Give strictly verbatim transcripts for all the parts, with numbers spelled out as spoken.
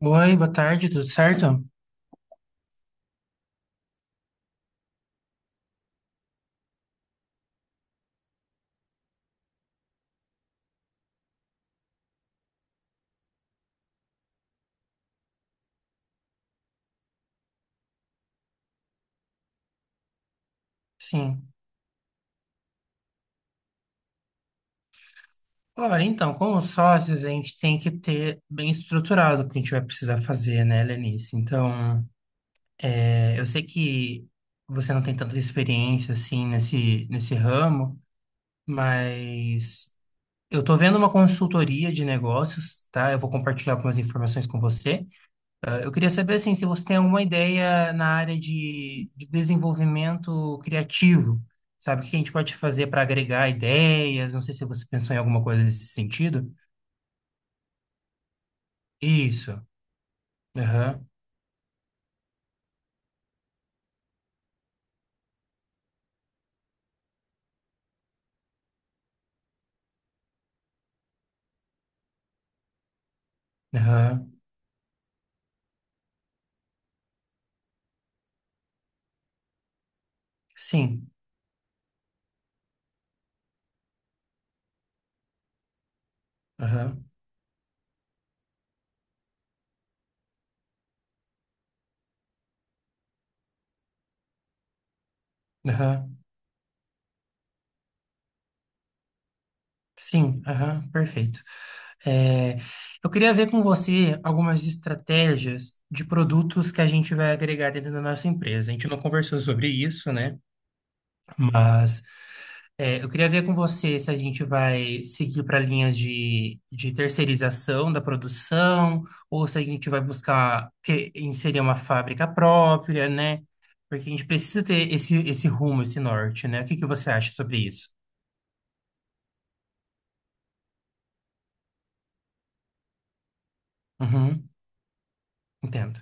Oi, boa tarde, tudo certo? Sim. Olha, então, como sócios, a gente tem que ter bem estruturado o que a gente vai precisar fazer, né, Lenice? Então, é, eu sei que você não tem tanta experiência, assim, nesse, nesse ramo, mas eu tô vendo uma consultoria de negócios, tá? Eu vou compartilhar algumas informações com você. Ah, Eu queria saber assim, se você tem alguma ideia na área de, de desenvolvimento criativo, sabe? O que a gente pode fazer para agregar ideias? Não sei se você pensou em alguma coisa nesse sentido. Isso. Aham. Aham. Sim. Aham. Aham. Sim. Aham. Perfeito. É, eu queria ver com você algumas estratégias de produtos que a gente vai agregar dentro da nossa empresa. A gente não conversou sobre isso, né? Mas É, eu queria ver com você se a gente vai seguir para a linha de, de terceirização da produção, ou se a gente vai buscar que- inserir uma fábrica própria, né? Porque a gente precisa ter esse, esse rumo, esse norte, né? O que que você acha sobre isso? Uhum, entendo.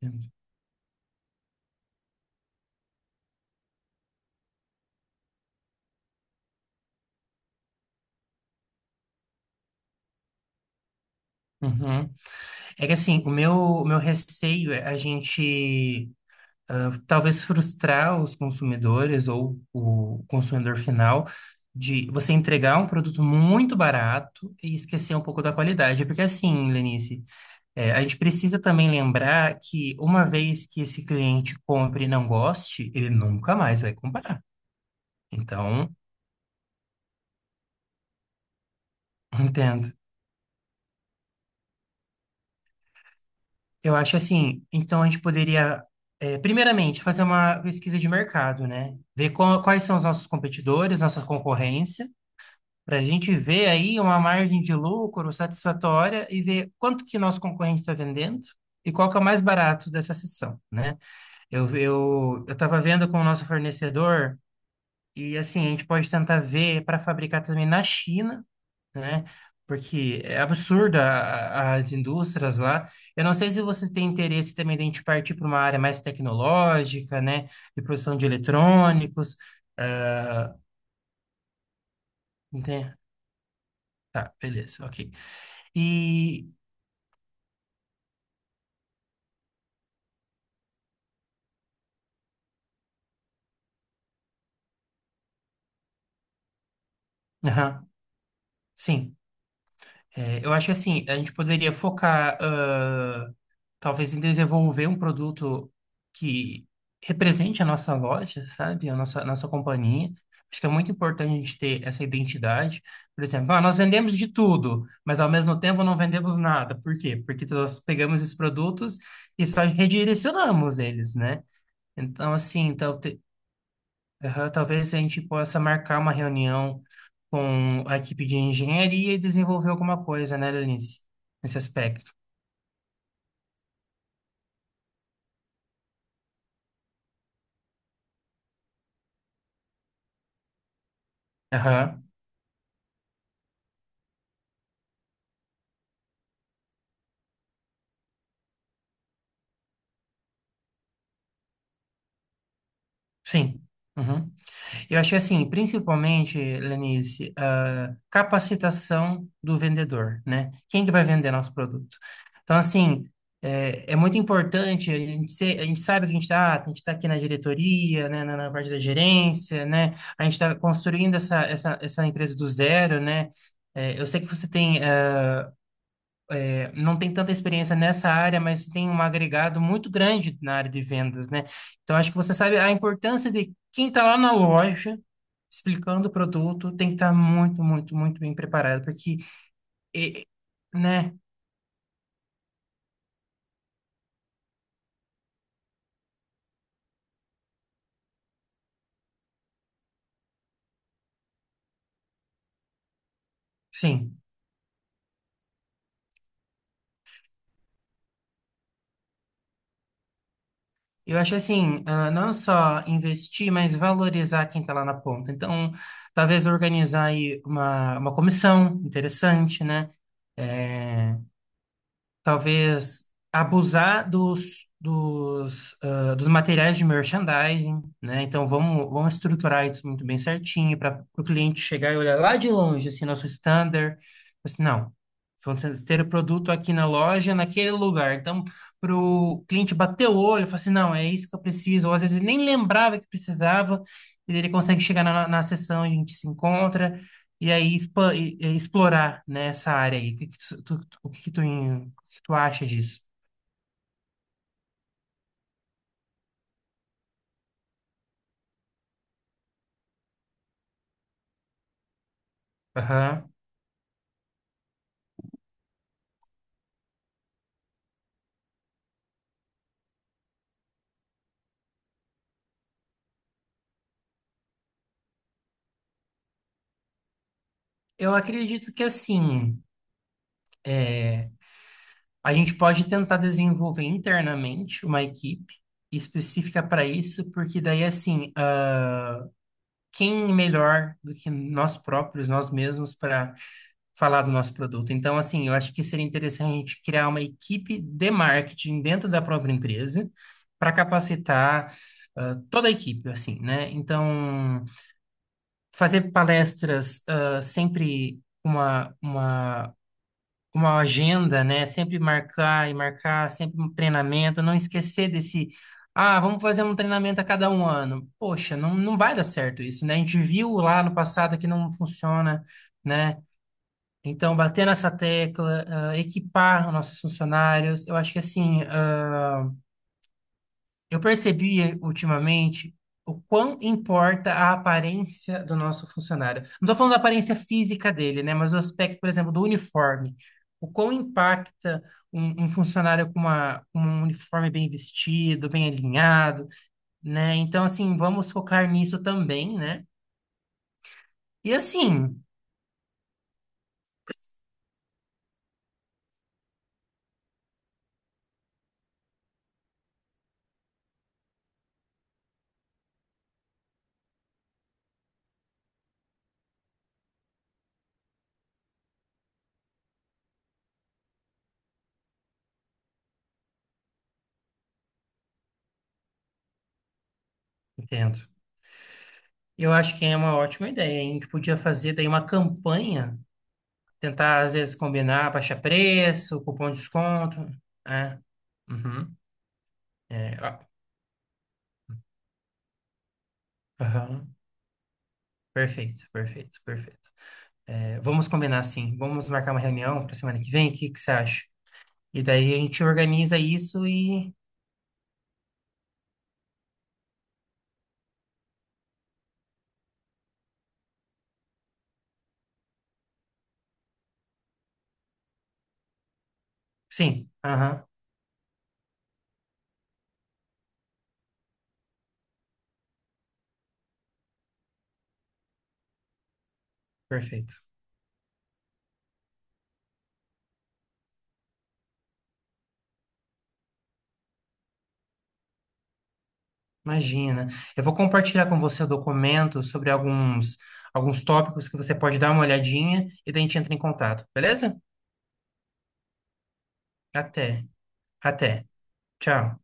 Entendo. Uhum. É que assim, o meu, o meu receio é a gente ah, talvez frustrar os consumidores ou o consumidor final de você entregar um produto muito barato e esquecer um pouco da qualidade. Porque assim, Lenice, é, a gente precisa também lembrar que uma vez que esse cliente compre e não goste, ele nunca mais vai comprar. Então, entendo. Eu acho assim, então a gente poderia é, primeiramente, fazer uma pesquisa de mercado, né? Ver qual- quais são os nossos competidores, nossa concorrência, para a gente ver aí uma margem de lucro satisfatória e ver quanto que nosso concorrente está vendendo e qual que é o mais barato dessa sessão, né? Eu eu eu estava vendo com o nosso fornecedor e assim a gente pode tentar ver para fabricar também na China, né? Porque é absurda a- a- as indústrias lá. Eu não sei se você tem interesse também de a gente partir para uma área mais tecnológica, né? De produção de eletrônicos. ah, né? Tá, beleza, ok. E Aham, Sim. É, eu acho que assim, a gente poderia focar, ah, talvez, em desenvolver um produto que represente a nossa loja, sabe? A nossa, nossa companhia. Acho que é muito importante a gente ter essa identidade. Por exemplo, ah, nós vendemos de tudo, mas ao mesmo tempo não vendemos nada. Por quê? Porque nós pegamos esses produtos e só redirecionamos eles, né? Então, assim, aham. Talvez a gente possa marcar uma reunião com a equipe de engenharia e desenvolver alguma coisa, né, Lenice? Nesse aspecto. Aham, Sim. Uhum. Eu achei assim, principalmente, Lenice, ah, capacitação do vendedor, né? Quem que vai vender nosso produto? Então, assim, é, é muito importante, a gente, ser- a gente sabe que a gente está, a gente está aqui na diretoria, né? Na, na parte da gerência, né? A gente está construindo essa, essa, essa empresa do zero, né? É, eu sei que você tem não tem tanta experiência nessa área, mas tem um agregado muito grande na área de vendas, né? Então, acho que você sabe a importância de quem está lá na loja explicando o produto tem que estar muito, muito, muito bem preparado, porque, e- né? Sim. Eu acho assim, ah, não só investir, mas valorizar quem está lá na ponta. Então, talvez organizar aí uma, uma comissão interessante, né? É, talvez abusar dos, dos, ah, dos materiais de merchandising, né? Então vamos, vamos estruturar isso muito bem certinho para o cliente chegar e olhar lá de longe, assim, nosso standard. Assim, não, vamos ter o produto aqui na loja, naquele lugar. Então, para o cliente bater o olho, falar assim, não, é isso que eu preciso. Ou às vezes ele nem lembrava que precisava, e ele consegue chegar na, na sessão, a gente se encontra. E aí, expa- e- e explorar, né, essa área aí. O que que tu, tu- tu- o que que tu Tu acha disso? Aham. Eu acredito que assim, a gente pode tentar desenvolver internamente uma equipe específica para isso, porque daí assim, ah, quem melhor do que nós próprios, nós mesmos, para falar do nosso produto? Então, assim, eu acho que seria interessante a gente criar uma equipe de marketing dentro da própria empresa para capacitar ah, toda a equipe, assim, né? Então, fazer palestras ah, sempre uma, uma uma agenda, né? Sempre marcar e marcar, sempre um treinamento, não esquecer desse, ah, vamos fazer um treinamento a cada um ano. Poxa, não, não vai dar certo isso, né? A gente viu lá no passado que não funciona, né? Então, bater nessa tecla, ah, equipar os nossos funcionários, eu acho que assim, ah, eu percebi ultimamente o quão importa a aparência do nosso funcionário. Não estou falando da aparência física dele, né? Mas o aspecto, por exemplo, do uniforme. O quão impacta um, um funcionário com uma, com um uniforme bem vestido, bem alinhado, né? Então, assim, vamos focar nisso também, né? E assim, entendo. Eu acho que é uma ótima ideia, hein? A gente podia fazer daí uma campanha, tentar às vezes combinar, baixar preço, cupom de desconto, né? Uhum. É, ah, aham. Perfeito, perfeito, perfeito. É, vamos combinar assim, vamos marcar uma reunião para semana que vem, o que que você acha? E daí a gente organiza isso e. Sim, aham, perfeito. Imagina. Eu vou compartilhar com você o documento sobre alguns, alguns tópicos que você pode dar uma olhadinha e daí a gente entra em contato, beleza? Até, até. Tchau.